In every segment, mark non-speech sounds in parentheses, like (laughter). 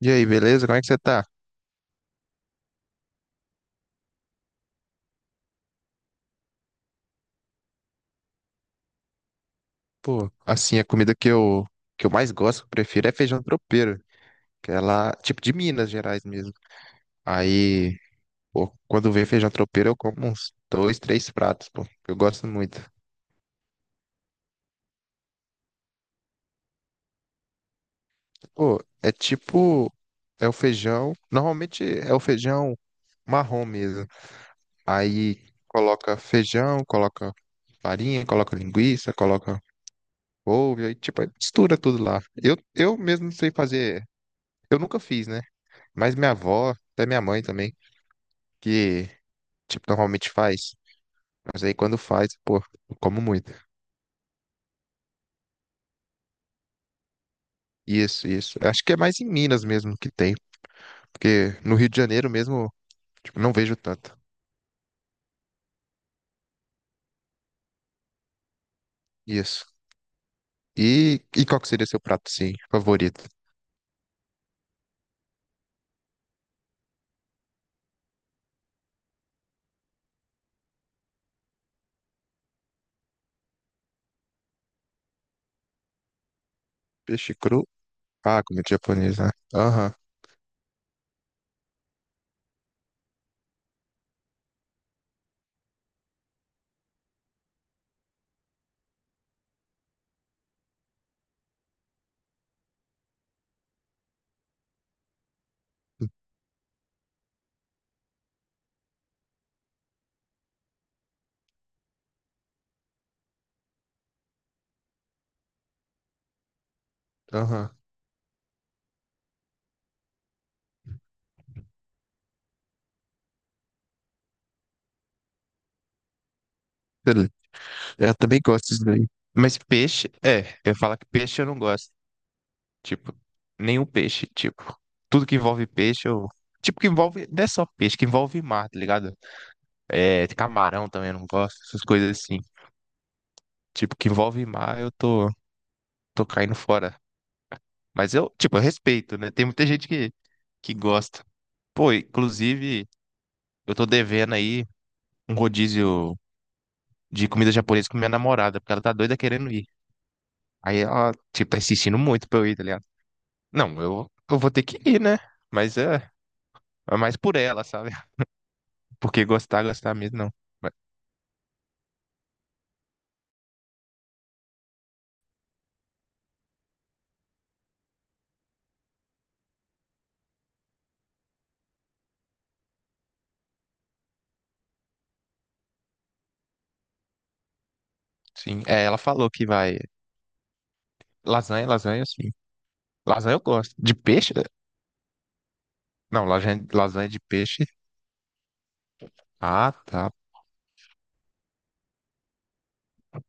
E aí, beleza? Como é que você tá? Pô, assim, a comida que eu mais gosto, que eu prefiro, é feijão tropeiro, que é lá, tipo de Minas Gerais mesmo. Aí, pô, quando vem feijão tropeiro, eu como uns dois, três pratos, pô, que eu gosto muito. Pô, é tipo, é o feijão, normalmente é o feijão marrom mesmo. Aí, coloca feijão, coloca farinha, coloca linguiça, coloca couve, aí, tipo, aí mistura tudo lá. Eu mesmo não sei fazer, eu nunca fiz, né? Mas minha avó, até minha mãe também, que, tipo, normalmente faz. Mas aí quando faz, pô, eu como muito. Isso, isso. Eu acho que é mais em Minas mesmo que tem. Porque no Rio de Janeiro mesmo, tipo, não vejo tanto. Isso. E qual que seria seu prato, sim, favorito? Peixe cru? Ah, comida japonesa, né? Aham, aham. Beleza. Eu também gosto disso daí. Mas peixe, é, eu ia falar que peixe eu não gosto. Tipo, nenhum peixe, tipo, tudo que envolve peixe, eu. Tipo, que envolve. Não é só peixe, que envolve mar, tá ligado? É, camarão também, eu não gosto, essas coisas assim. Tipo, que envolve mar, eu tô, tô caindo fora. Mas eu, tipo, eu respeito, né? Tem muita gente que gosta. Pô, inclusive, eu tô devendo aí um rodízio de comida japonesa com minha namorada, porque ela tá doida querendo ir. Aí ela, tipo, tá insistindo muito pra eu ir, tá ligado? Não, eu vou ter que ir, né? Mas é mais por ela, sabe? Porque gostar, gostar mesmo, não. Mas, sim, é, ela falou que vai. Lasanha, lasanha, sim. Lasanha eu gosto. De peixe? Não, lasanha, lasanha de peixe. Ah, tá.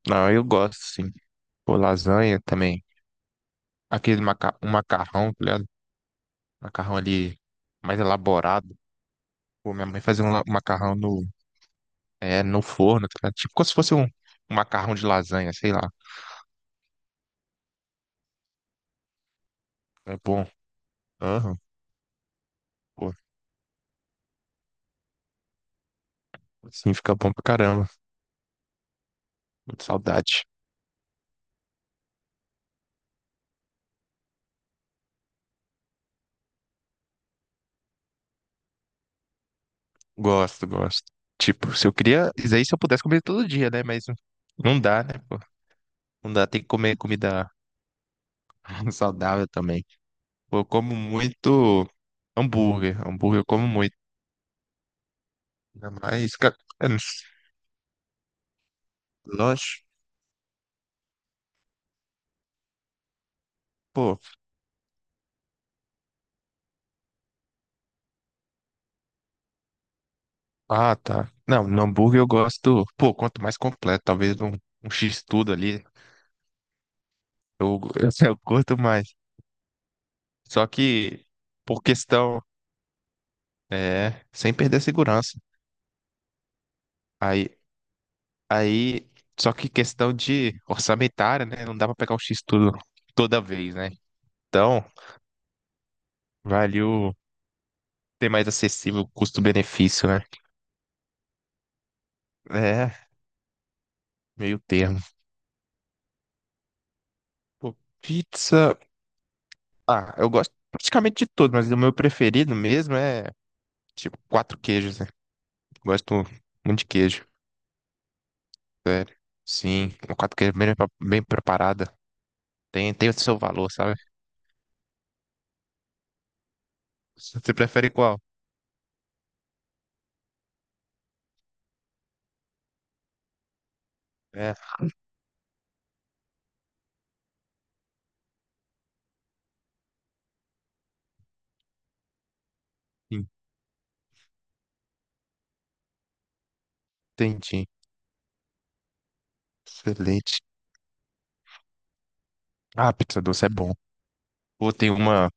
Não, eu gosto, sim. Pô, lasanha também. Aquele maca... um macarrão, tá ligado? Macarrão ali mais elaborado. Pô, minha mãe fazia um macarrão no, é, no forno, tá ligado? Tipo como se fosse um macarrão de lasanha, sei lá. É bom. Aham, pô. Sim, fica bom pra caramba. Muito saudade. Gosto, gosto. Tipo, se eu queria. Isso aí se eu pudesse comer todo dia, né? Mas não dá, né, pô? Não dá, tem que comer comida (laughs) saudável também. Pô, eu como muito hambúrguer. Hambúrguer eu como muito. Ainda mais. É, Lanche. Pô. Ah, tá. Não, no hambúrguer eu gosto. Pô, quanto mais completo, talvez um, um X-tudo ali. Eu, (laughs) eu curto mais. Só que, por questão. É, sem perder a segurança. Aí, Aí, só que questão de orçamentária, né? Não dá pra pegar o X tudo toda vez, né? Então, vale o ter mais acessível custo-benefício, né? É, meio termo. Pô, pizza. Ah, eu gosto praticamente de tudo, mas o meu preferido mesmo é tipo quatro queijos, né? Gosto muito de queijo, sério. Sim, uma quatro queijos bem, bem preparada. Tem o seu valor, sabe? Você prefere qual? É, entendi. Excelente. Ah, pizza doce é bom. Pô, tem uma.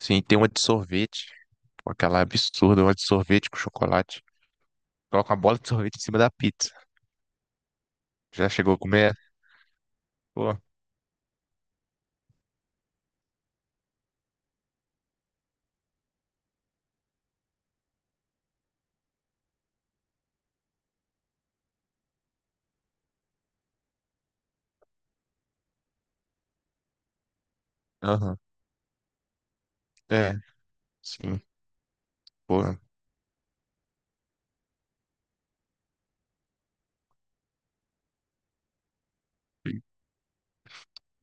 Sim, tem uma de sorvete. Pô, aquela absurda, uma de sorvete com chocolate. Coloca uma bola de sorvete em cima da pizza. Já chegou a comer? Pô, aham. É, sim, pô.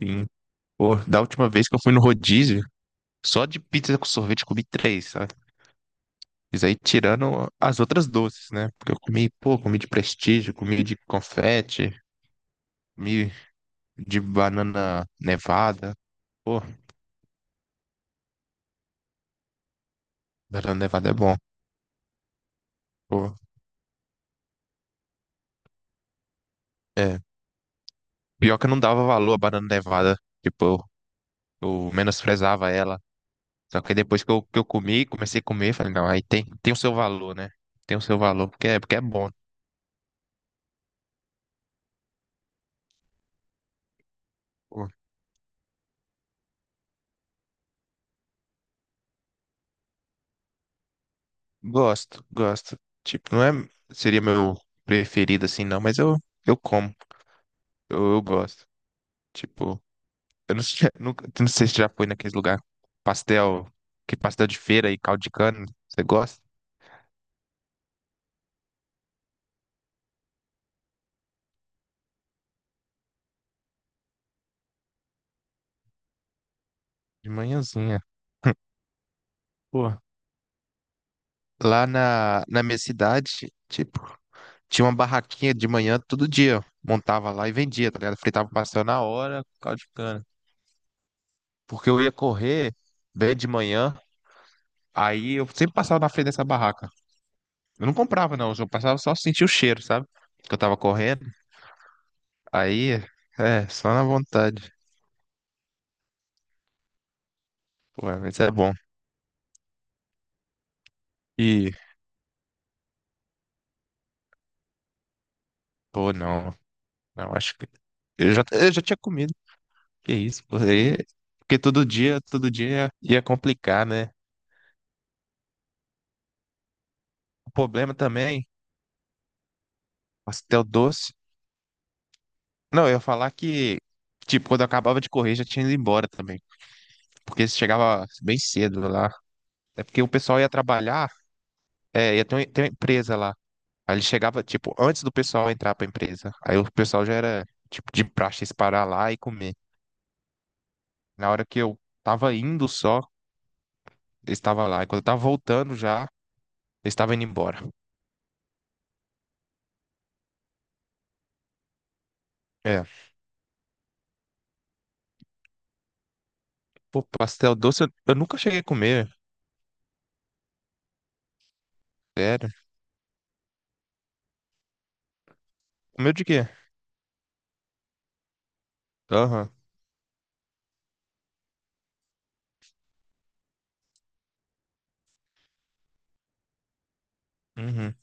Sim. Pô, da última vez que eu fui no rodízio, só de pizza com sorvete eu comi três, sabe? Isso aí tirando as outras doces, né? Porque eu comi, pô, comi de prestígio, comi de confete, comi de banana nevada. Pô, banana nevada é bom. Pô, é. Pior que eu não dava valor à banana nevada. Tipo, eu menosprezava ela. Só que aí depois que eu comi, comecei a comer, falei, não, aí tem o seu valor, né? Tem o seu valor, porque é bom. Pô, gosto, gosto. Tipo, não é, seria meu preferido assim, não, mas eu como, eu gosto. Tipo. Eu não sei, (laughs) nunca, não sei se já foi naqueles lugar. Pastel, que pastel de feira e caldo de cana. Você gosta? De manhãzinha. (laughs) Pô, lá na minha cidade, tipo, tinha uma barraquinha de manhã todo dia. Montava lá e vendia, tá ligado? Fritava o pastel na hora, com caldo de cana. Porque eu ia correr bem de manhã, aí eu sempre passava na frente dessa barraca. Eu não comprava, não. Eu só passava só sentia o cheiro, sabe? Que eu tava correndo. Aí, é, só na vontade. Pô, mas é bom. E, pô, não. Não, acho que. Eu já tinha comido. Que isso, pô. Porque todo dia ia complicar, né? O problema também, pastel doce. Não, eu ia falar que, tipo, quando eu acabava de correr, já tinha ido embora também. Porque chegava bem cedo lá. É porque o pessoal ia trabalhar, é, ia ter uma empresa lá. Aí ele chegava, tipo, antes do pessoal entrar pra empresa. Aí o pessoal já era, tipo, de praxe eles parar lá e comer. Na hora que eu tava indo só, eles estavam lá. E quando eu tava voltando já, eles estavam indo embora. é Pô, pastel doce, eu nunca cheguei a comer. Sério. Comeu de quê? Aham. Uhum.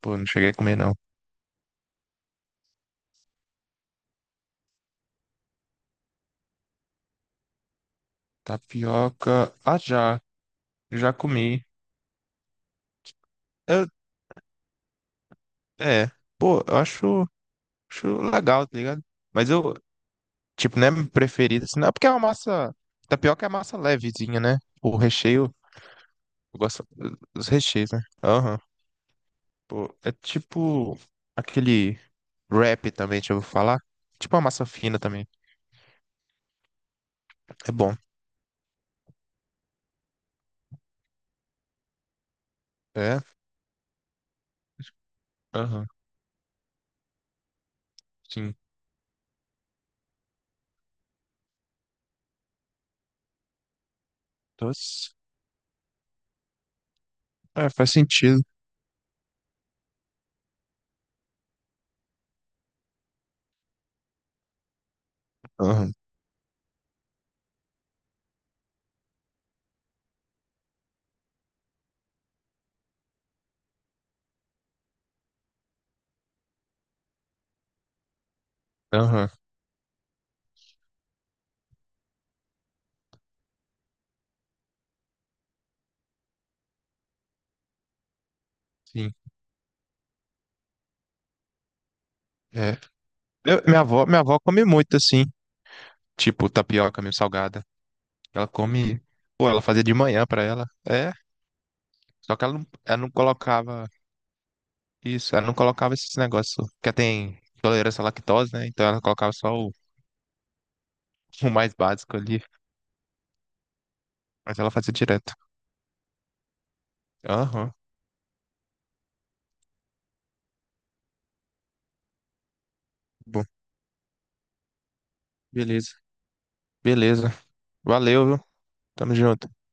Pô, não cheguei a comer, não. Tapioca. Ah, já. Já comi. Eu, é. Pô, eu acho, acho legal, tá ligado? Mas eu, tipo, não é meu preferido, assim, não. Porque é uma massa. Tapioca é massa levezinha, né? O recheio. Eu gosto dos recheios, né? Aham. Pô, é tipo. Aquele wrap também, deixa eu falar. Tipo uma massa fina também. É bom. É? Aham. Sim. Doce. É, faz sentido. Aham, aham, sim. É. Minha avó come muito assim, tipo tapioca meio salgada. Ela come, pô, ela fazia de manhã pra ela. É, só que ela não colocava isso, ela não colocava esses negócios, que tem intolerância à lactose, né? Então ela colocava só o, (laughs) o mais básico ali, mas ela fazia direto. Aham, bom, beleza. Beleza. Valeu, viu? Tamo junto.